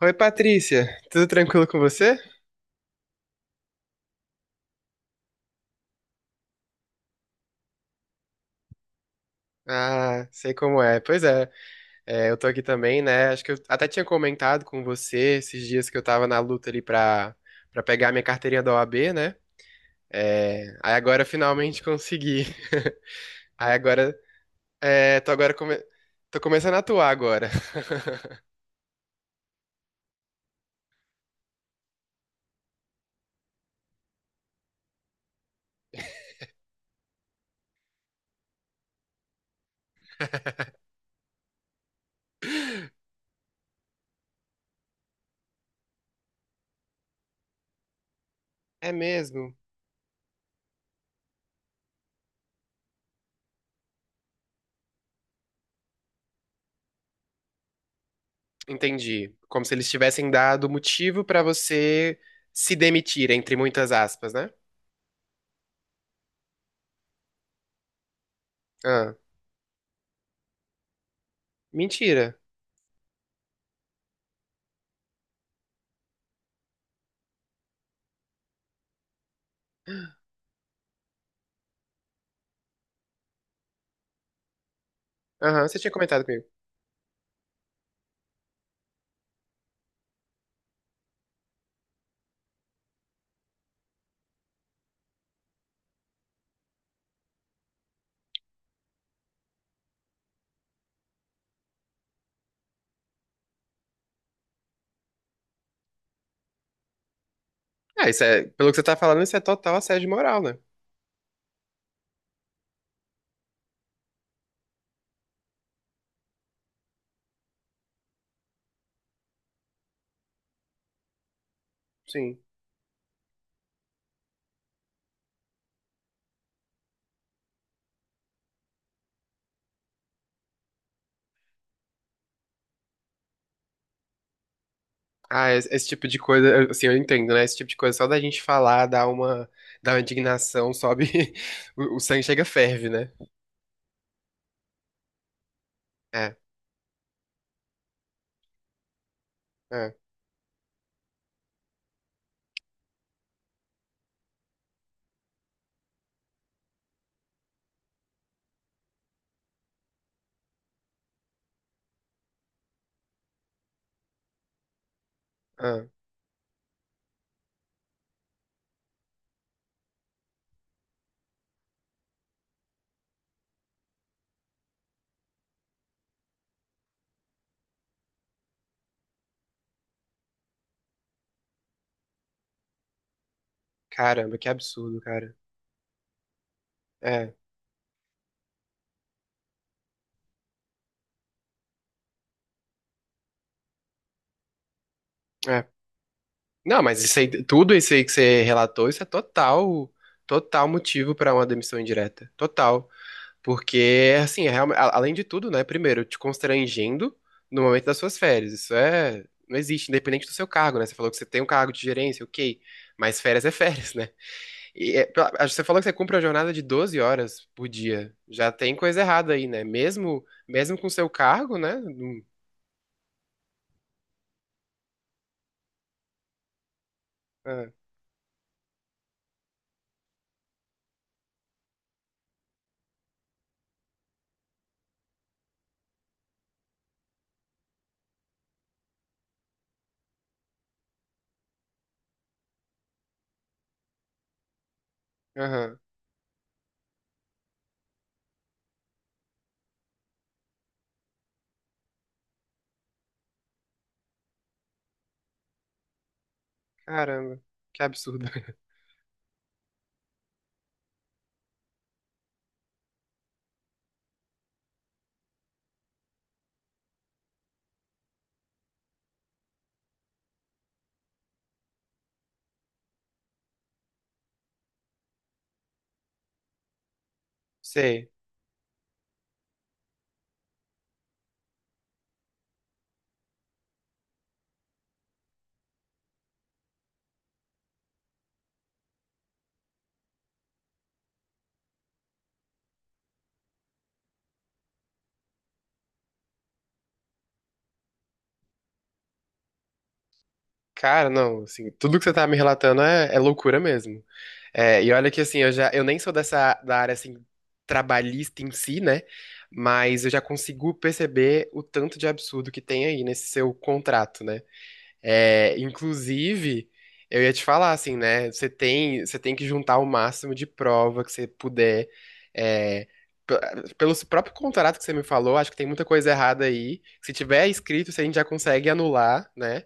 Oi, Patrícia, tudo tranquilo com você? Ah, sei como é. Pois é, eu tô aqui também, né? Acho que eu até tinha comentado com você esses dias que eu tava na luta ali pra pegar minha carteirinha da OAB, né? É, aí agora eu finalmente consegui. Aí agora, tô agora tô começando a atuar agora. É mesmo? Entendi. Como se eles tivessem dado motivo pra você se demitir, entre muitas aspas, né? Ah, mentira. Aham, você tinha comentado comigo. Ah, pelo que você tá falando, isso é total assédio moral, né? Sim. Ah, esse tipo de coisa, assim, eu entendo, né? Esse tipo de coisa, só da gente falar, dá uma indignação, sobe, o sangue chega, ferve, né? É, é, é. Caramba, que absurdo, cara. É, é. Não, mas isso aí, tudo isso aí que você relatou, isso é total, total motivo pra uma demissão indireta. Total. Porque, assim, além de tudo, né? Primeiro, te constrangendo no momento das suas férias. Isso é. Não existe, independente do seu cargo, né? Você falou que você tem um cargo de gerência, ok. Mas férias é férias, né? E é, acho que você falou que você cumpre a jornada de 12 horas por dia. Já tem coisa errada aí, né? Mesmo, mesmo com seu cargo, né? Ah, Aham. Caramba, que absurdo. Sei. Cara, não, assim, tudo que você tá me relatando é, é loucura mesmo. É, e olha que assim, eu nem sou dessa da área assim trabalhista em si, né? Mas eu já consigo perceber o tanto de absurdo que tem aí nesse seu contrato, né? É, inclusive, eu ia te falar assim, né? Você tem que juntar o máximo de prova que você puder. É, p- pelo próprio contrato que você me falou, acho que tem muita coisa errada aí. Se tiver escrito, se a gente já consegue anular, né?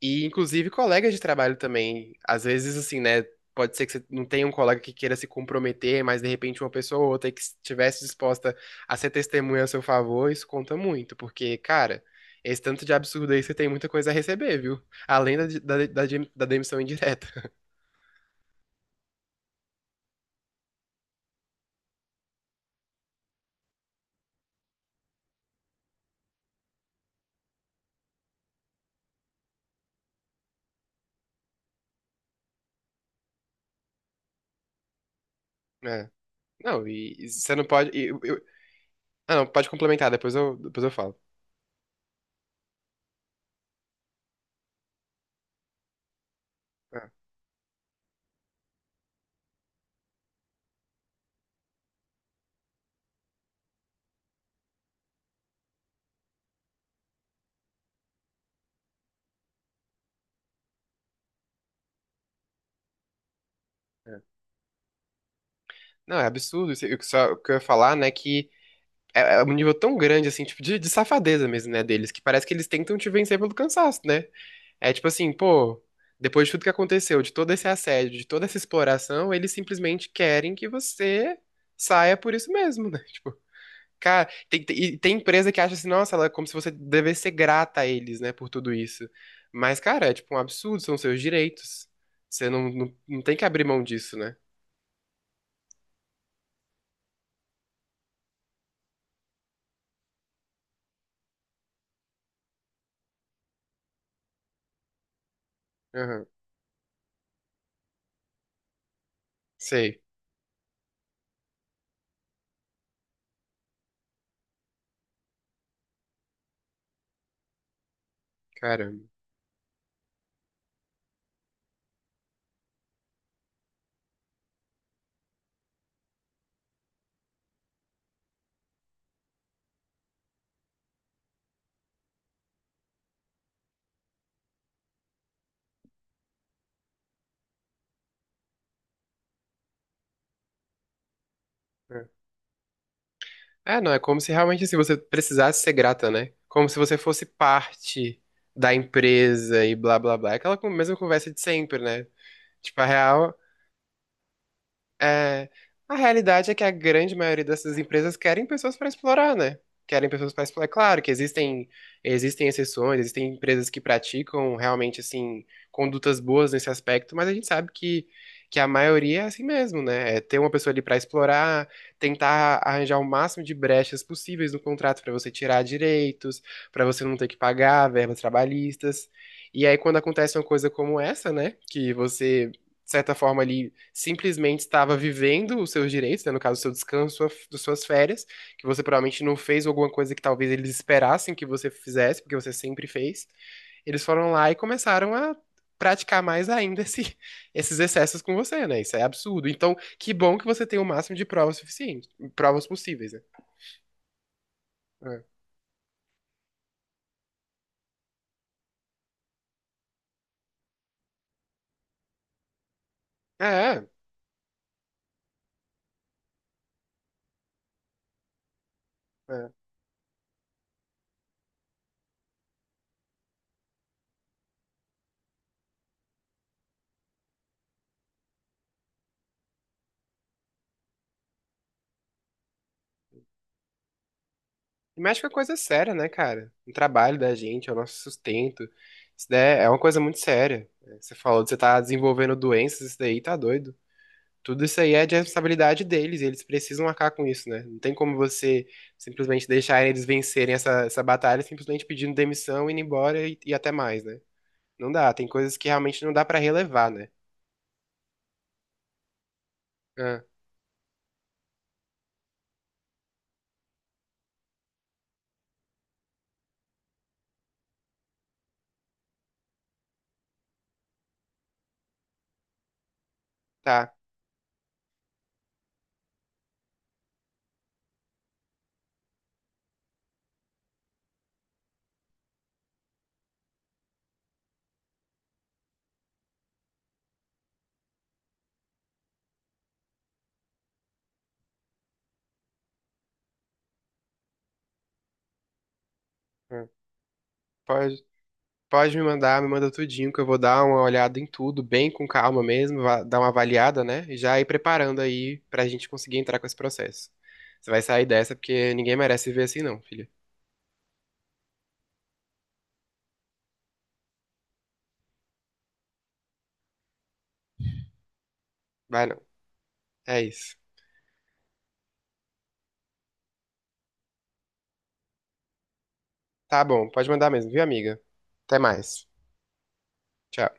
E, inclusive, colegas de trabalho também. Às vezes, assim, né? Pode ser que você não tenha um colega que queira se comprometer, mas de repente uma pessoa ou outra que estivesse disposta a ser testemunha a seu favor, isso conta muito, porque, cara, esse tanto de absurdo aí você tem muita coisa a receber, viu? Além da demissão indireta. né? Não, e você não pode. Ah, não, pode complementar, depois eu falo. É. É. Não, é absurdo. O que o que eu ia falar, né, que é, é um nível tão grande, assim, tipo, de safadeza mesmo, né, deles, que parece que eles tentam te vencer pelo cansaço, né? É tipo assim, pô, depois de tudo que aconteceu, de todo esse assédio, de toda essa exploração, eles simplesmente querem que você saia por isso mesmo, né? Tipo, cara, tem empresa que acha assim, nossa, ela é como se você devesse ser grata a eles, né, por tudo isso. Mas, cara, é tipo um absurdo, são seus direitos. Você não tem que abrir mão disso, né? Aham, sei, caramba. É. É, não, é como se realmente assim, você precisasse ser grata, né? Como se você fosse parte da empresa e blá blá blá. Aquela mesma conversa de sempre, né? Tipo, é, a realidade é que a grande maioria dessas empresas querem pessoas para explorar, né? Querem pessoas para explorar. É Claro que existem, existem exceções, existem empresas que praticam realmente, assim, condutas boas nesse aspecto, mas a gente sabe que a maioria é assim mesmo, né? É ter uma pessoa ali para explorar, tentar arranjar o máximo de brechas possíveis no contrato para você tirar direitos, para você não ter que pagar verbas trabalhistas. E aí, quando acontece uma coisa como essa, né? Que você de certa forma, ali simplesmente estava vivendo os seus direitos, né, no caso, o seu descanso, das suas férias, que você provavelmente não fez alguma coisa que talvez eles esperassem que você fizesse, porque você sempre fez. Eles foram lá e começaram a praticar mais ainda esses excessos com você, né? Isso é absurdo. Então, que bom que você tem o máximo de provas suficientes, provas possíveis, né? É, é. É. E mexe com a coisa séria, né, cara? O trabalho da gente, é o nosso sustento. Isso daí é uma coisa muito séria. Você falou que você tá desenvolvendo doenças, isso daí tá doido. Tudo isso aí é de responsabilidade deles, e eles precisam arcar com isso, né? Não tem como você simplesmente deixar eles vencerem essa, essa batalha simplesmente pedindo demissão, indo embora e até mais, né? Não dá, tem coisas que realmente não dá pra relevar, né? Ah, tá. Ah, pode. Pode me mandar, me manda tudinho, que eu vou dar uma olhada em tudo, bem com calma mesmo, dar uma avaliada, né? E já ir preparando aí pra gente conseguir entrar com esse processo. Você vai sair dessa porque ninguém merece viver assim, não, filha. Vai não. É isso. Tá bom, pode mandar mesmo, viu, amiga? Até mais. Tchau.